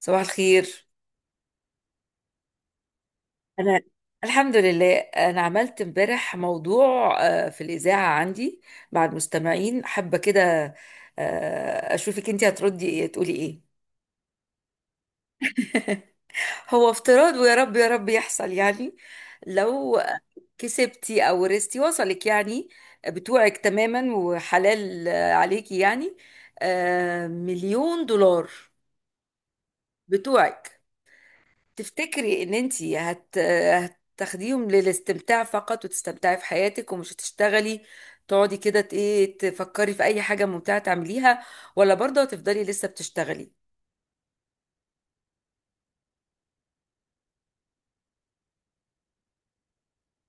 صباح الخير. انا الحمد لله، انا عملت امبارح موضوع في الاذاعه عندي مع المستمعين، حابه كده. اشوفك انت هتردي ايه، تقولي ايه؟ هو افتراض، ويا رب يا رب يحصل يعني. لو كسبتي او ورثتي وصلك يعني، بتوعك تماما وحلال عليكي يعني، مليون دولار بتوعك. تفتكري ان انتي هتاخديهم للاستمتاع فقط وتستمتعي في حياتك ومش هتشتغلي، تقعدي كده ايه تفكري في اي حاجة ممتعة تعمليها، ولا برضه هتفضلي لسه بتشتغلي؟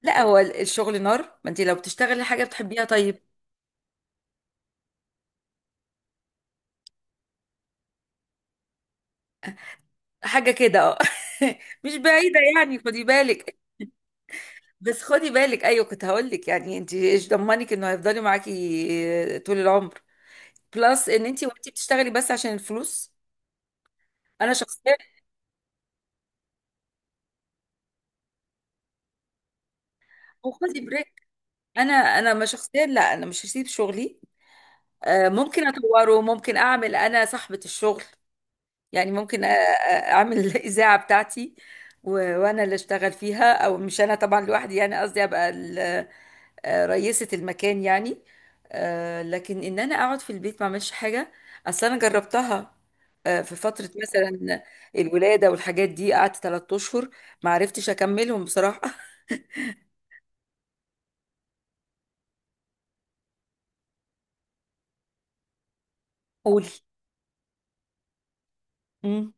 لا، هو الشغل نار. ما انتي لو بتشتغلي حاجة بتحبيها طيب. حاجة كده اه. مش بعيدة يعني، خدي بالك. بس خدي بالك، ايوه كنت هقول لك. يعني انتي ايش ضمنك انه هيفضلي معاكي طول العمر؟ بلس ان انتي وانتي بتشتغلي بس عشان الفلوس. انا شخصيا. وخدي بريك. انا ما شخصيا، لا انا مش هسيب شغلي. ممكن اطوره، ممكن اعمل انا صاحبة الشغل. يعني ممكن اعمل الاذاعة بتاعتي و- وانا اللي اشتغل فيها. او مش انا طبعا لوحدي، يعني قصدي ابقى رئيسة المكان يعني. لكن ان انا اقعد في البيت ما اعملش حاجة، اصل انا جربتها في فترة مثلا الولادة والحاجات دي، قعدت 3 اشهر ما عرفتش اكملهم بصراحة. قولي. مم.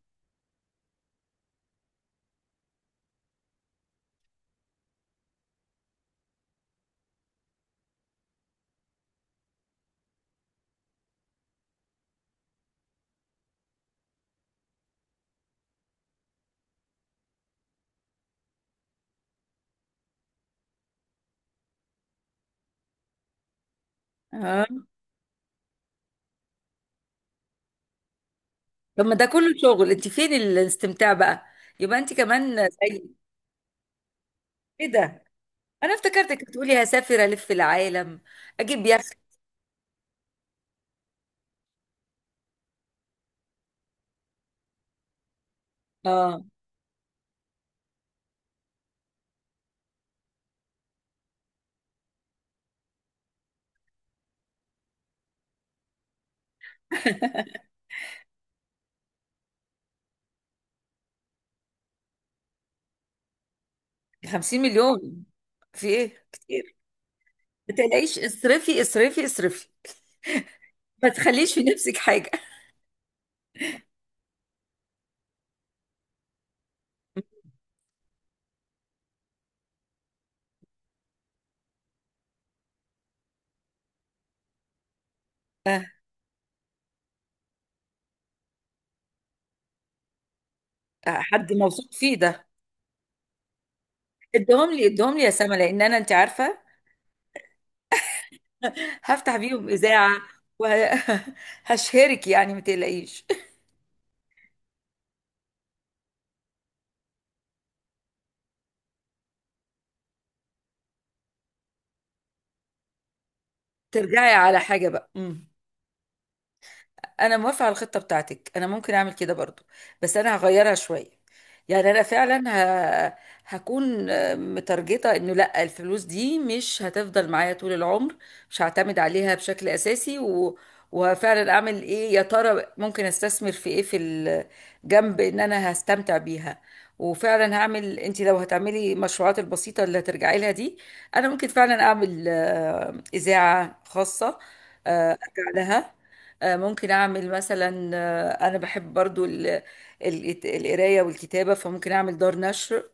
طب ما ده كله شغل، انت فين الاستمتاع بقى؟ يبقى انت كمان زي كده. انا افتكرتك بتقولي هسافر الف العالم، اجيب يخت. اه. 50 مليون، في ايه كتير. ما تقلقيش، اصرفي اصرفي اصرفي، ما تخليش في نفسك حاجه. آه، حد موثوق فيه ده. ادهم لي ادهم لي يا سما، لان انا انت عارفه هفتح بيهم اذاعه وهشهرك، يعني ما تقلقيش. ترجعي على حاجه بقى. مم. انا موافقه على الخطه بتاعتك، انا ممكن اعمل كده برضو، بس انا هغيرها شويه. يعني انا فعلا ه... هكون مترجطه انه لا، الفلوس دي مش هتفضل معايا طول العمر، مش هعتمد عليها بشكل اساسي. وفعلا اعمل ايه يا ترى، ممكن استثمر في ايه، في الجنب ان انا هستمتع بيها. وفعلا هعمل. انت لو هتعملي المشروعات البسيطه اللي هترجعي لها دي، انا ممكن فعلا اعمل اذاعه خاصه، ارجع لها. ممكن اعمل مثلا، انا بحب برضو القرايه والكتابه، فممكن اعمل دار نشر.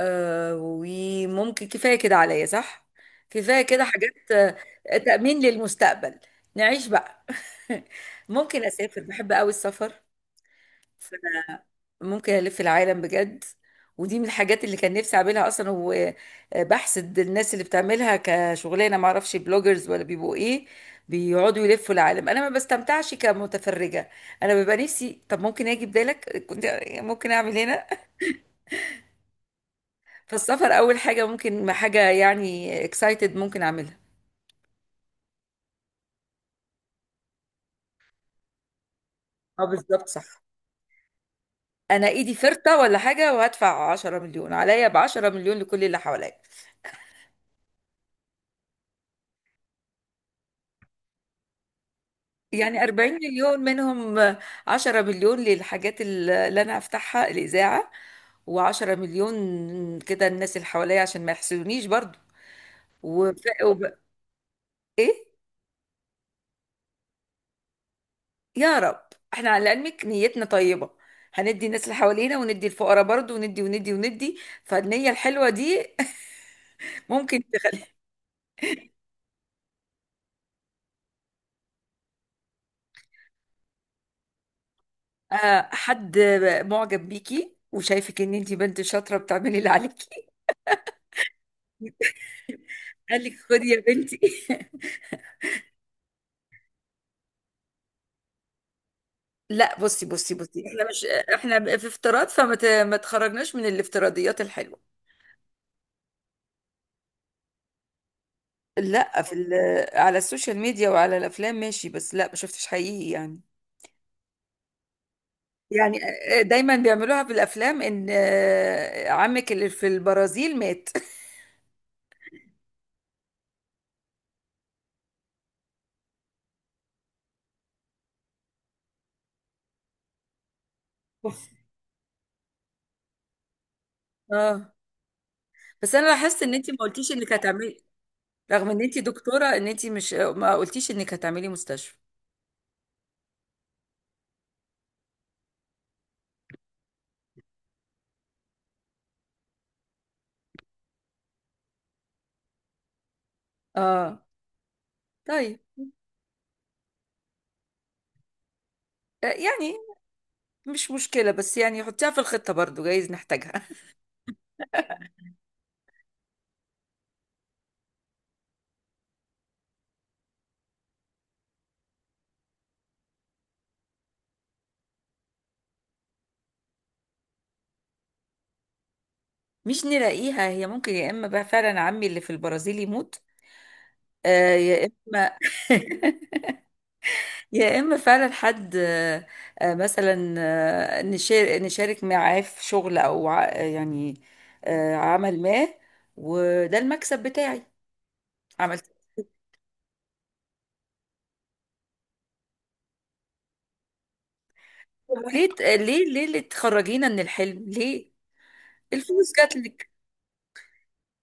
وممكن كفايه كده عليا، صح؟ كفايه كده حاجات. تأمين للمستقبل، نعيش بقى. ممكن اسافر، بحب قوي السفر، ممكن ألف العالم بجد. ودي من الحاجات اللي كان نفسي أعملها أصلا، وبحسد الناس اللي بتعملها كشغلانة، معرفش بلوجرز ولا بيبقوا إيه، بيقعدوا يلفوا العالم. أنا ما بستمتعش كمتفرجة، أنا ببقى نفسي طب ممكن أجي بدالك، كنت ممكن أعمل هنا. فالسفر أول حاجة، ممكن حاجة يعني اكسايتد ممكن أعملها. أه، بالظبط، صح. أنا إيدي فرطة ولا حاجة، وهدفع 10 مليون عليا، ب 10 مليون لكل اللي حواليا. يعني 40 مليون منهم، 10 مليون للحاجات اللي انا هفتحها الاذاعه، و10 مليون كده الناس اللي حواليا عشان ما يحسدونيش برضو. وف... وب... ايه، يا رب احنا على علمك نيتنا طيبه، هندي الناس اللي حوالينا وندي الفقراء برضو، وندي وندي وندي، فالنيه الحلوه دي. ممكن تخلي حد معجب بيكي وشايفك ان انتي بنت شاطره بتعملي اللي عليكي، قال لك خدي يا بنتي. لا، بصي بصي بصي، احنا مش، احنا في افتراض، فما ما تخرجناش من الافتراضيات الحلوه. لا، في على السوشيال ميديا وعلى الافلام ماشي، بس لا ما شفتش حقيقي يعني. يعني دايما بيعملوها في الافلام، ان عمك اللي في البرازيل مات. اه، بس انا لاحظت ان انت ما قلتيش انك هتعملي، رغم ان انت دكتوره ان انت مش، ما قلتيش انك هتعملي مستشفى. اه طيب. يعني مش مشكله، بس يعني حطيها في الخطه برضو جايز نحتاجها. مش نلاقيها هي. ممكن يا اما بقى فعلا عمي اللي في البرازيل يموت، آه، يا اما يا اما فعلا حد مثلا نشارك معاه في شغل، او يعني عمل ما، وده المكسب بتاعي عملت. ليه ليه ليه اللي تخرجينا من الحلم؟ ليه؟ الفلوس جات لك.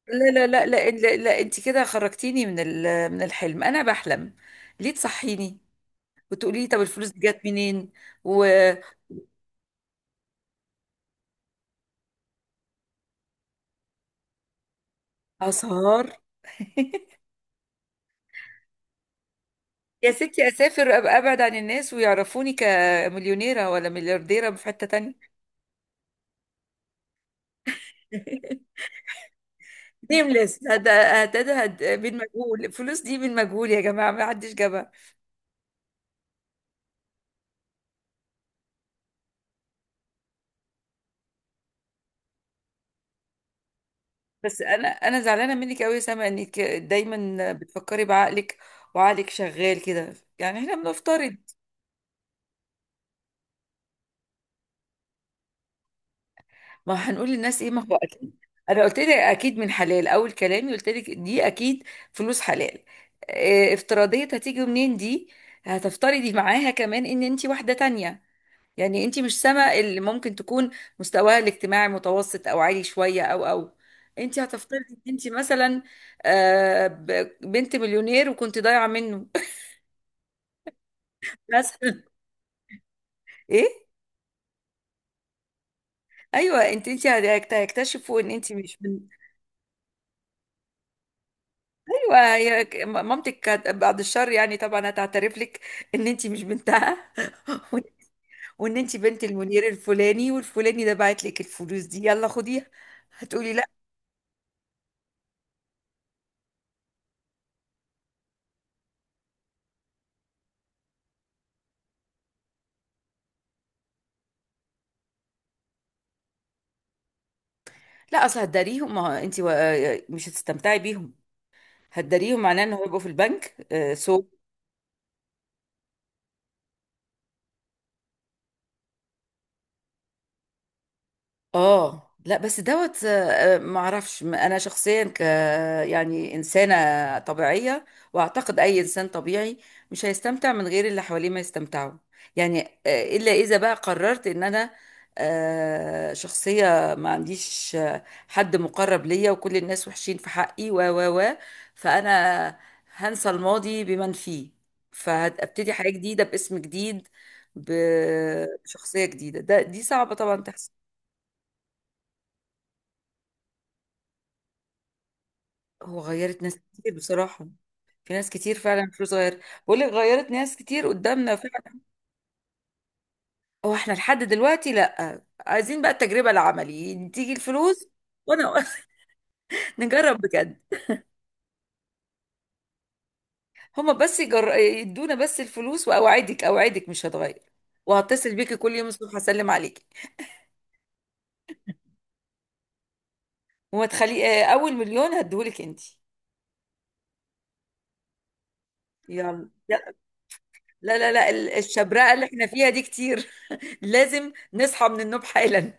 لا لا لا لا لا, لا انت كده خرجتيني من من الحلم، انا بحلم، ليه تصحيني وتقولي لي طب الفلوس دي جت منين؟ أسهر. يا ستي أسافر أبقى أبعد عن الناس، ويعرفوني كمليونيرة ولا مليارديرة في حتة تانية. نيمليس هد هد هد من مجهول، الفلوس دي من مجهول يا جماعة، ما حدش جابها. بس أنا زعلانة منك أوي يا سما، إنك دايما بتفكري بعقلك، وعقلك شغال كده. يعني إحنا بنفترض، ما هنقول للناس ايه؟ ما هو اكيد انا قلت لك، اكيد من حلال. اول كلامي قلت لك دي اكيد فلوس حلال، افتراضية هتيجي منين دي. هتفترضي معاها كمان ان انت واحدة تانية. يعني انت مش سما اللي ممكن تكون مستواها الاجتماعي متوسط او عالي شوية، او انت هتفترضي ان انت مثلا بنت مليونير وكنت ضايعة منه. مثلا ايه. ايوه، انت هتكتشفوا ان انت مش من. ايوه، مامتك كانت بعد الشر، يعني طبعا هتعترف لك ان انت مش بنتها. وان انت بنت المدير الفلاني والفلاني ده بعت لك الفلوس دي يلا خديها، هتقولي لا. لا، اصل هتداريهم، ما هو انت مش هتستمتعي بيهم. هتداريهم معناه ان هو يبقوا في البنك. سو. اه لا، بس دوت، ما اعرفش انا شخصيا يعني انسانه طبيعيه. واعتقد اي انسان طبيعي مش هيستمتع من غير اللي حواليه ما يستمتعوا. يعني الا اذا بقى قررت ان انا شخصيه ما عنديش حد مقرب ليا وكل الناس وحشين في حقي و فانا. هنسى الماضي بمن فيه، فهبتدي حياه جديده باسم جديد، بشخصيه جديده. ده دي صعبه طبعا تحصل. هو غيرت ناس كتير بصراحة. في ناس كتير فعلا فلوس، غير بقول لك غيرت ناس كتير قدامنا فعلا. هو احنا لحد دلوقتي لا، عايزين بقى التجربة العملي تيجي الفلوس. وانا نجرب بجد. هما بس يدونا بس الفلوس، واوعدك اوعدك مش هتغير. وهتصل بيكي كل يوم الصبح هسلم عليكي. وما تخلي اول مليون هديهولك انت. يلا لا لا لا لا، الشبرقة اللي احنا فيها دي كتير، لازم نصحى من النوم حالا.